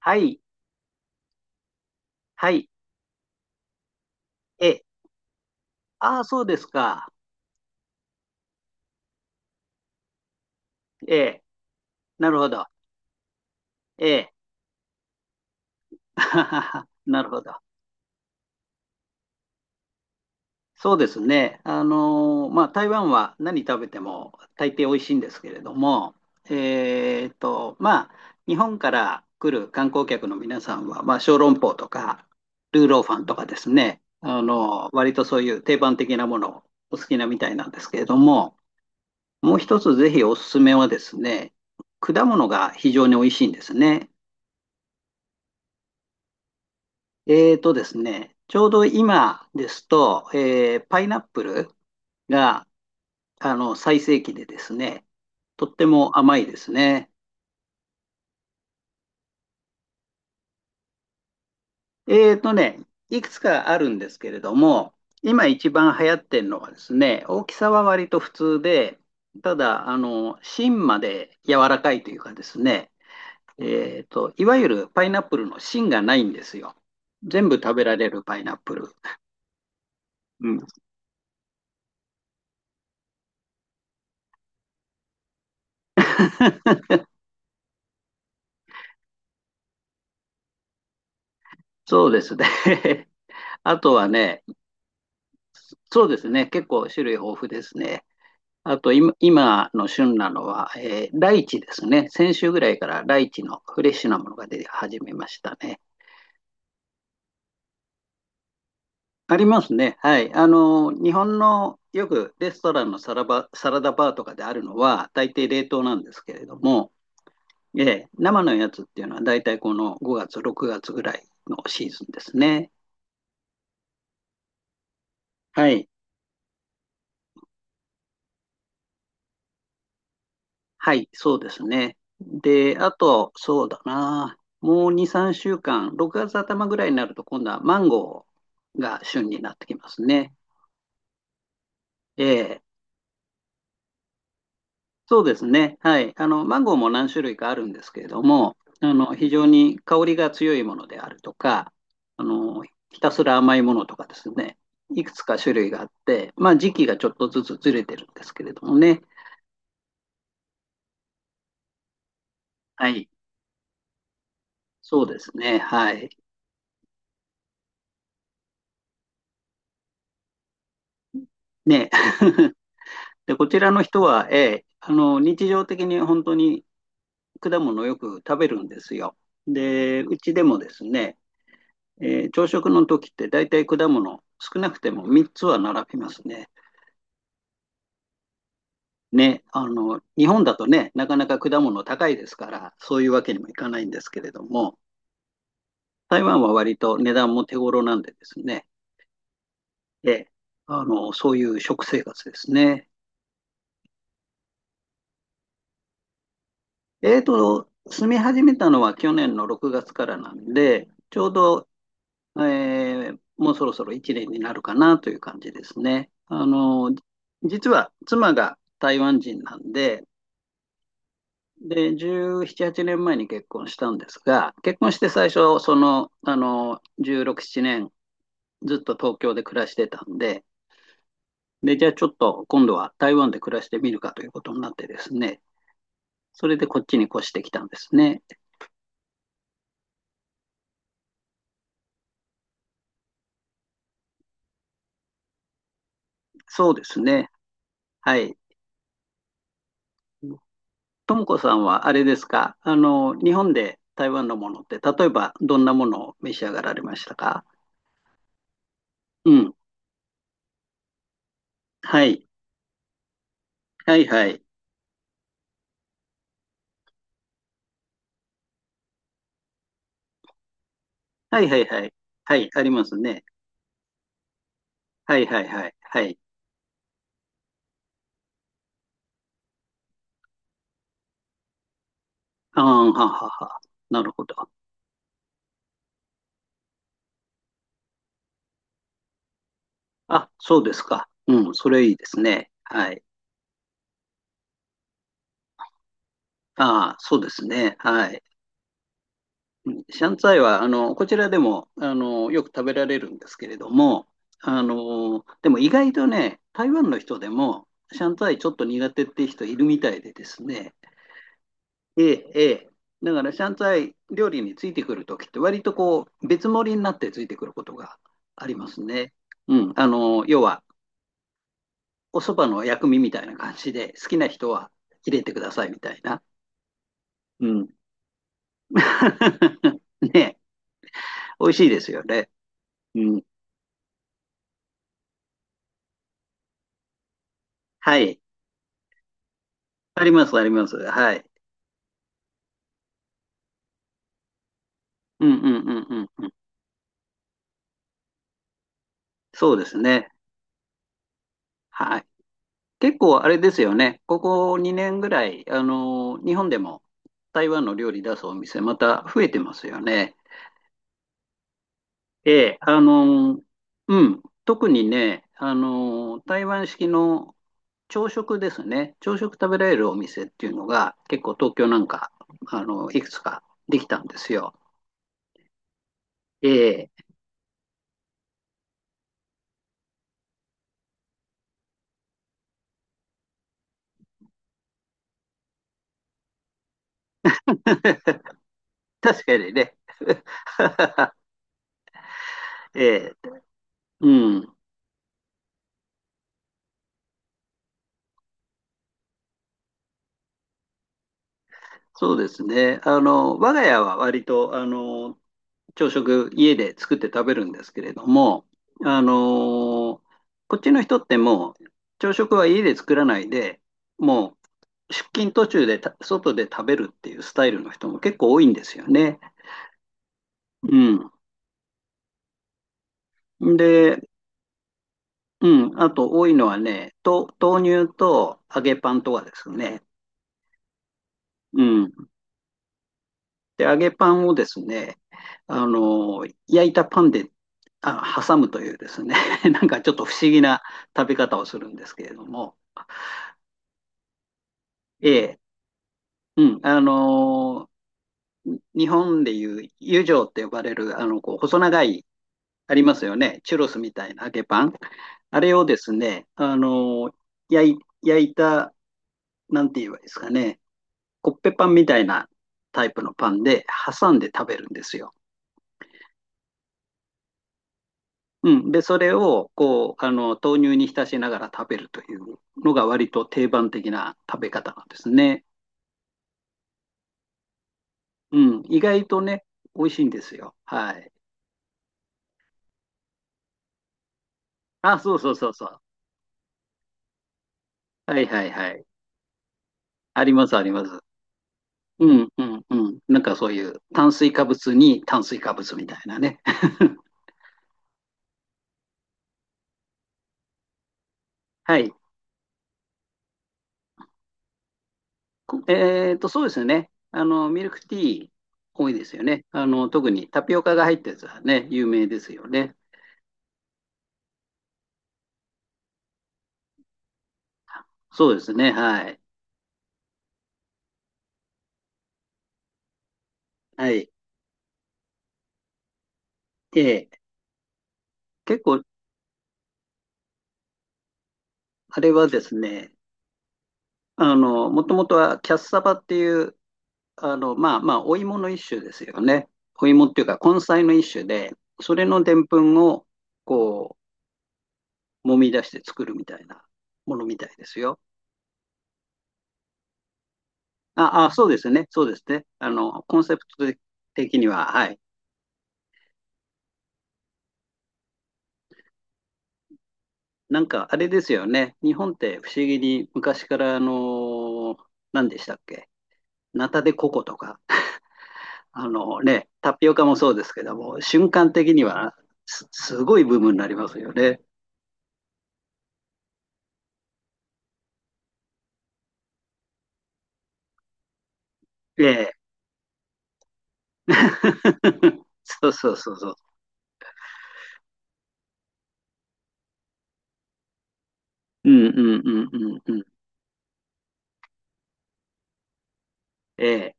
はい、はい、え、ああ、そうですか。ええ、なるほど。ええ、なるほど。そうですね。まあ、台湾は何食べても大抵美味しいんですけれども、まあ、日本から来る観光客の皆さんは、まあ、小籠包とか、ルーローファンとかですね、割とそういう定番的なものをお好きなみたいなんですけれども、もう一つぜひおすすめはですね、果物が非常に美味しいんですね。ですね、ちょうど今ですと、パイナップルが最盛期でですね、とっても甘いですね。ね、いくつかあるんですけれども、今一番流行ってるのはですね、大きさは割と普通で、ただ、芯まで柔らかいというかですね、いわゆるパイナップルの芯がないんですよ。全部食べられるパイナップル。うん。そうですね。あとはね、そうですね。結構種類豊富ですね。あと今の旬なのは、ライチですね。先週ぐらいからライチのフレッシュなものが出始めましたね。ありますね。はい。日本のよくレストランのサラダバーとかであるのは、大抵冷凍なんですけれども、ええ、生のやつっていうのは、大体この5月、6月ぐらいのシーズンですね。はい。はい、そうですね。で、あと、そうだな。もう2、3週間、6月頭ぐらいになると、今度はマンゴーが旬になってきますね。ええ、そうですね。はい。マンゴーも何種類かあるんですけれども、非常に香りが強いものであるとか、あの、ひたすら甘いものとかですね。いくつか種類があって、まあ、時期がちょっとずつずれてるんですけれどもね。はい。そうですね。はい。ね。で、こちらの人は、日常的に本当に果物をよく食べるんですよ。で、うちでもですね、朝食の時って大体果物、少なくても3つは並びますね。ね、日本だとね、なかなか果物高いですから、そういうわけにもいかないんですけれども、台湾は割と値段も手頃なんでですね、ええ、そういう食生活ですね。住み始めたのは去年の6月からなんで、ちょうどもうそろそろ1年になるかなという感じですね。実は妻が台湾人なんで、で、17、8年前に結婚したんですが、結婚して最初、16、7年ずっと東京で暮らしてたんで、で、じゃあちょっと今度は台湾で暮らしてみるかということになってですね、それでこっちに越してきたんですね。そうですね。はい。ともこさんはあれですか？日本で台湾のものって、例えばどんなものを召し上がられましたか？うん。はい。はいはい。はいはいはい。はい、ありますね。はいはいはい。はい。ああ、ははは。なるほど。あ、そうですか。うん、それいいですね。はい。ああ、そうですね。はい。シャンツァイは、こちらでも、よく食べられるんですけれども、でも意外とね、台湾の人でも、シャンツァイちょっと苦手っていう人いるみたいでですね、ええ、ええ。だから、シャンツァイ料理についてくるときって、割とこう、別盛りになってついてくることがありますね。うん、要は、お蕎麦の薬味みたいな感じで、好きな人は入れてくださいみたいな。うん。ね、美味しいですよね。うん。はい。あります、あります。はい。うんうんうんうん。そうですね。はい。結構あれですよね。ここ2年ぐらい、日本でも台湾の料理出すお店、また増えてますよね。ええ、うん。特にね、台湾式の朝食ですね。朝食食べられるお店っていうのが、結構東京なんか、いくつかできたんですよ。ええ。確かにね。ええ、うん。そうですね。我が家は割と、朝食家で作って食べるんですけれども、あの、こっちの人ってもう、朝食は家で作らないで、もう出勤途中で外で食べるっていうスタイルの人も結構多いんですよね。うん。で、うん、あと多いのはね、豆乳と揚げパンとかですね。うん。で、揚げパンをですね、焼いたパンで、挟むというですね、なんかちょっと不思議な食べ方をするんですけれども、ええ、うん、日本でいう油条って呼ばれる、こう、細長い、ありますよね、チュロスみたいな揚げパン。あれをですね、焼いた、なんて言えばいいですかね、コッペパンみたいなタイプのパンで挟んで食べるんですよ。うん。で、それを、こう、豆乳に浸しながら食べるというのが割と定番的な食べ方なんですね。うん。意外とね、美味しいんですよ。はい。あ、そうそうそうそう。はいはいはい。あります、あります。うんうんうん。なんかそういう炭水化物に炭水化物みたいなね。はい。こえっと、そうですよね。ミルクティー多いですよね。特にタピオカが入ったやつはね、有名ですよね。そうですね。はい。はい。で、結構。あれはですね、もともとはキャッサバっていう、まあまあ、お芋の一種ですよね。お芋っていうか、根菜の一種で、それのでんぷんを、こう、揉み出して作るみたいなものみたいですよ。あ、あ、そうですね、そうですね。コンセプト的には、はい。なんか、あれですよね。日本って不思議に昔から、何でしたっけ？ナタデココとか、ね、タピオカもそうですけども、瞬間的にはすごいブームになりますよね。ええ。そうそうそうそう。うんうんうんうんうん。ええ。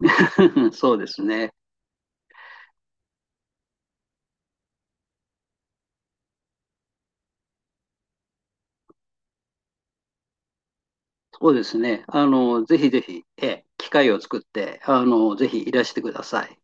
そうですね。そうですね。ぜひぜひ、ええ、機会を作って、ぜひいらしてください。